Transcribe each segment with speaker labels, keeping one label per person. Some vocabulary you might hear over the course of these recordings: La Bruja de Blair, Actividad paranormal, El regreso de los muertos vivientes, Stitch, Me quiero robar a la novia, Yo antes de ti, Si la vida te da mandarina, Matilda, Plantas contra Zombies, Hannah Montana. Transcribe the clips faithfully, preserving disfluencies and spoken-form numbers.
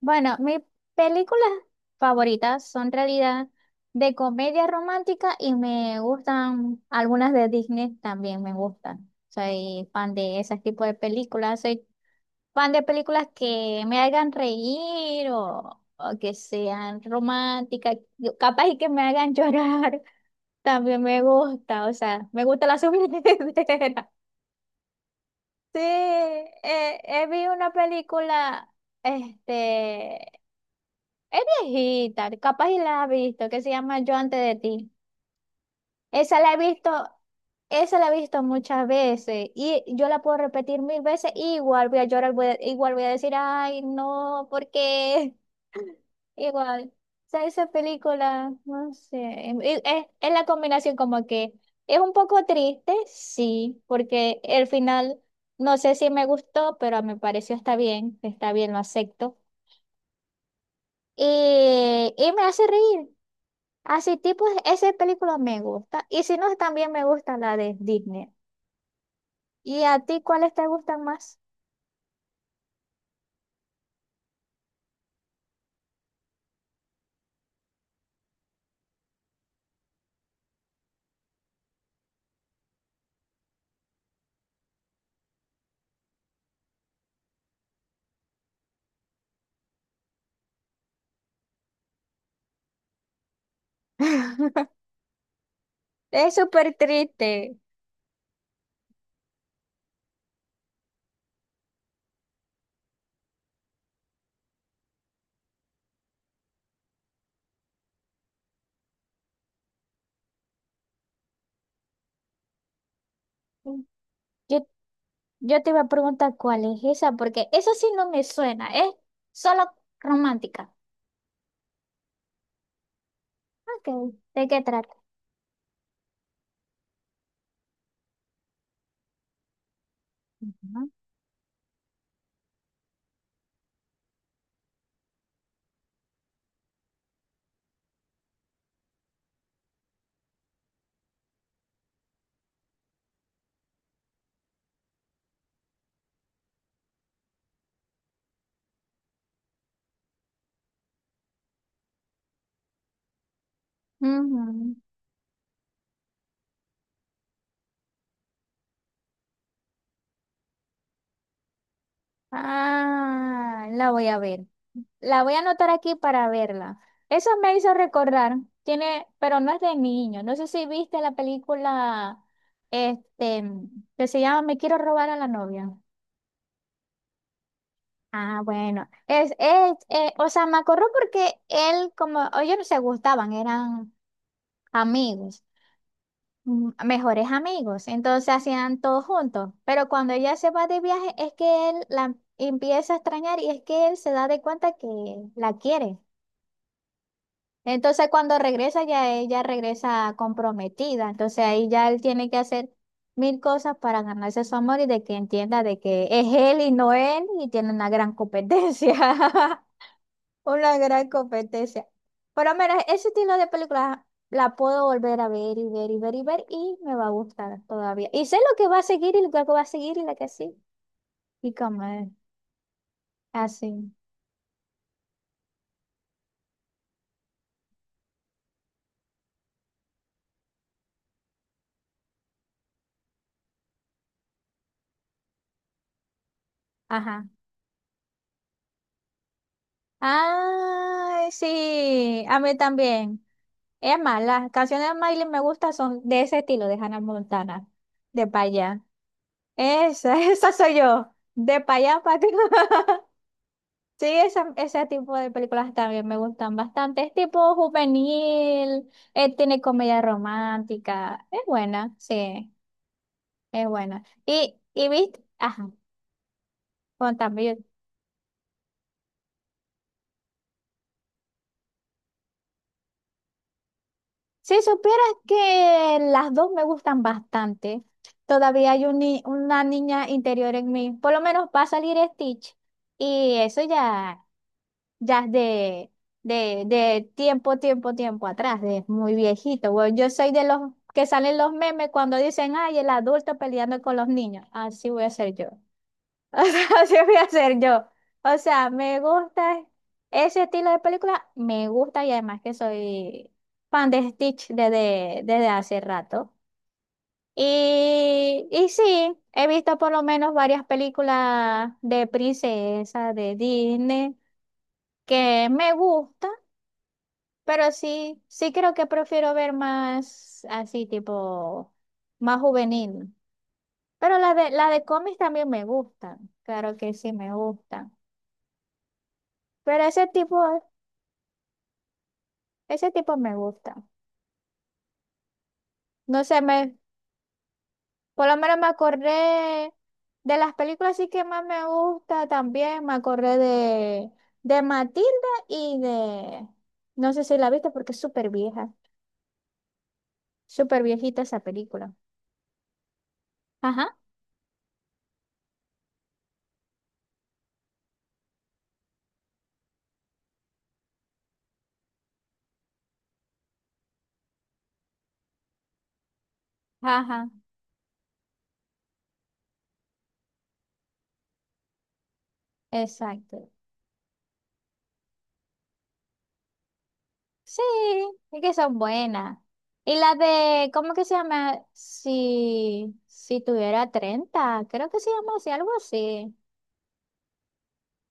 Speaker 1: Bueno, mis películas favoritas son en realidad de comedia romántica y me gustan algunas de Disney también me gustan. Soy fan de ese tipo de películas. Soy fan de películas que me hagan reír o, o que sean románticas, Yo- capaz y que me hagan llorar. También me gusta, o sea, me gusta la subidera. Sí, eh, eh, vi una película, este. Es viejita, capaz y la has visto, que se llama Yo antes de ti. Esa la he visto, esa la he visto muchas veces y yo la puedo repetir mil veces y igual voy a llorar, voy a- igual voy a decir, ay, no, porque igual. O sea, esa película, no sé, em, y es, es la combinación como que es un poco triste, sí, porque el final no sé si me gustó, pero me pareció está bien, está bien, lo acepto. Y, y me hace reír. Así tipo, esa película me gusta. Y si no, también me gusta la de Disney. ¿Y a ti cuáles te gustan más? Es súper triste. Yo, yo te iba a preguntar cuál es esa, porque eso sí no me suena. Es solo romántica. Ok, ¿de qué trata? Ujú. Ujú. Ah, la voy a ver. La voy a anotar aquí para verla. Eso me hizo recordar. Tiene, pero no es de niño. No sé si viste la película este, que se llama Me quiero robar a la novia. Ah, bueno. Es, es, eh, o sea, me acuerdo porque él, como ellos no se gustaban, eran amigos. Mm, mejores amigos, entonces hacían todo juntos, pero cuando ella se va de viaje es que él la empieza a extrañar y es que él se da de cuenta que la quiere. Entonces cuando regresa ya ella regresa comprometida, entonces ahí ya él tiene que hacer mil cosas para ganarse su amor y de que entienda de que es él y no él y tiene una gran competencia. Una gran competencia. Pero mira, ese estilo de película la puedo volver a ver y ver y ver y ver y me va a gustar todavía. Y sé lo que va a seguir y lo que va a seguir y la que sí. Y como es así. Ajá. Ay, sí, a mí también. Es más, las canciones de Miley me gustan son de ese estilo, de Hannah Montana, de pa' allá. Esa, esa soy yo, de pa' allá para acá. Sí, ese, ese tipo de películas también me gustan bastante. Es tipo juvenil, eh, tiene comedia romántica. Es buena, sí, es buena. Y, y viste, ajá, contame. yo- Si supieras que las dos me gustan bastante, todavía hay un ni- una niña interior en mí. Por lo menos va a salir Stitch. Y eso ya. Ya es de, de, de tiempo, tiempo, tiempo atrás, de muy viejito. Bueno, yo soy de los que salen los memes cuando dicen, ay, el adulto peleando con los niños. Así voy a ser yo. O sea, así voy a ser yo. O sea, me gusta ese estilo de película, me gusta y además que soy fan de Stitch desde, desde hace rato. Y, y sí, he visto por lo menos varias películas de princesa, de Disney, que me gusta. Pero sí, sí creo que prefiero ver más así, tipo, más juvenil. Pero la de, la de cómics también me gustan. Claro que sí me gustan. Pero ese tipo, ese tipo me gusta. No sé, me, por lo menos me acordé de las películas sí que más me gusta también. Me acordé de, de Matilda y de, no sé si la viste porque es súper vieja. Súper viejita esa película. Ajá, ajá, exacto. Sí, es que son buenas. Y la de, ¿cómo que se llama? Si, si tuviera treinta creo que se llama así, algo así.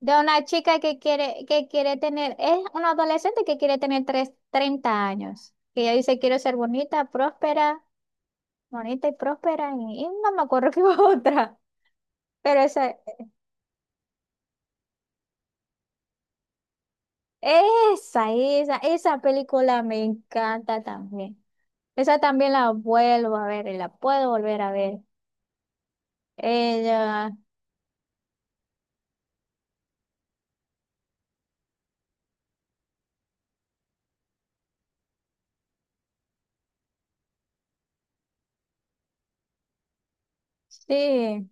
Speaker 1: De una chica que quiere, que quiere tener, es una adolescente que quiere tener tres, treinta años. Que ella dice, quiero ser bonita, próspera, bonita y próspera, y, y no me acuerdo qué otra. Pero esa, esa, esa, esa película me encanta también. Esa también la vuelvo a ver y la puedo volver a ver. Ella Sí,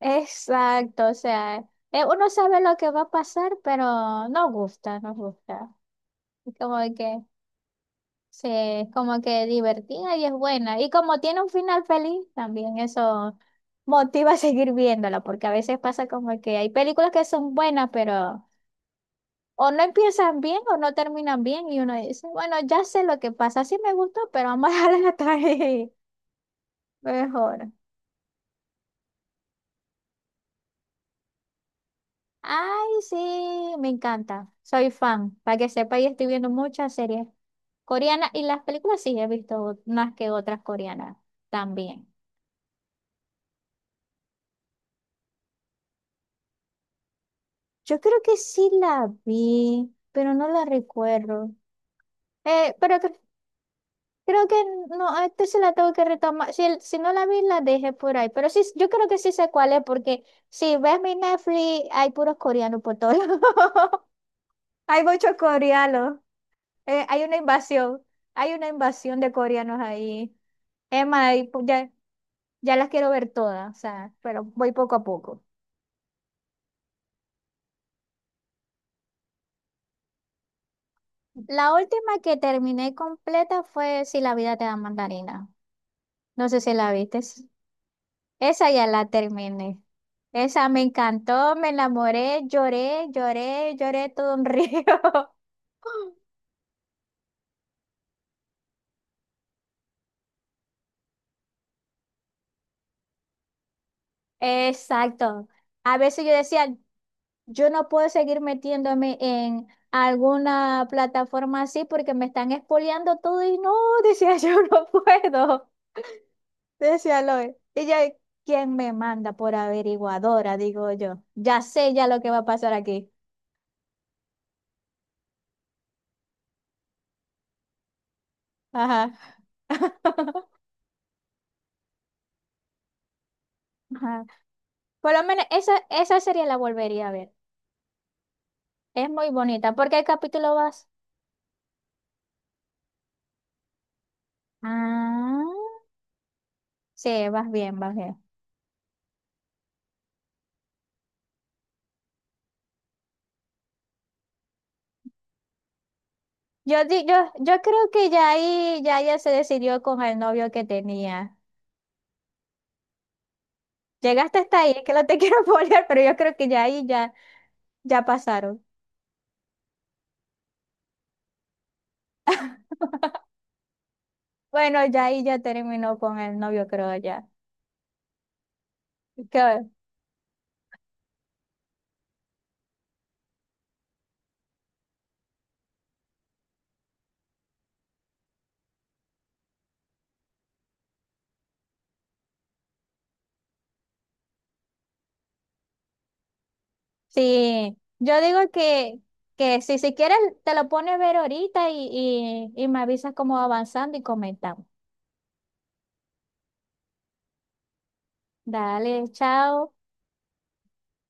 Speaker 1: exacto, o sea, eh, uno sabe lo que va a pasar, pero no gusta, no gusta. Es como que, sí, es como que divertida y es buena. Y como tiene un final feliz, también eso motiva a seguir viéndola, porque a veces pasa como que hay películas que son buenas, pero o no empiezan bien o no terminan bien y uno dice, bueno, ya sé lo que pasa, sí me gustó, pero vamos a dejarla hasta ahí, mejor. Ay, sí, me encanta. Soy fan. Para que sepa, y estoy viendo muchas series coreanas y las películas sí he visto más que otras coreanas también. Yo creo que sí la vi, pero no la recuerdo. Eh, pero cre- creo que no, a este se la tengo que retomar. Si, el- si no la vi, la dejé por ahí. Pero sí, yo creo que sí sé cuál es, porque si ves mi Netflix, hay puros coreanos por todos lados. Hay muchos coreanos. Eh, hay una invasión. Hay una invasión de coreanos ahí. Emma, y pu- ya, ya las quiero ver todas, o sea, pero voy poco a poco. La última que terminé completa fue Si la vida te da mandarina. No sé si la viste. Esa ya la terminé. Esa me encantó, me enamoré, lloré, lloré, lloré todo un río. Exacto. A veces yo decía, yo no puedo seguir metiéndome en alguna plataforma así porque me están expoliando todo y no, decía yo no puedo. Decía Loe. Ella, ¿quién me manda por averiguadora? Digo yo. Ya sé ya lo que va a pasar aquí. Ajá. Ajá. Por lo menos esa, esa serie la volvería a ver. Es muy bonita. ¿Por qué capítulo vas? Ah, sí, vas bien, vas bien. Yo, di- yo, yo creo que ya ahí ya ella se decidió con el novio que tenía. Llegaste hasta ahí, es que no te quiero poner, pero yo creo que ya ahí ya, ya pasaron. Bueno, ya ahí ya terminó con el novio, creo ya. Que Sí, yo digo que, que si, si quieres te lo pones a ver ahorita y, y, y me avisas cómo va avanzando y comentamos. Dale, chao.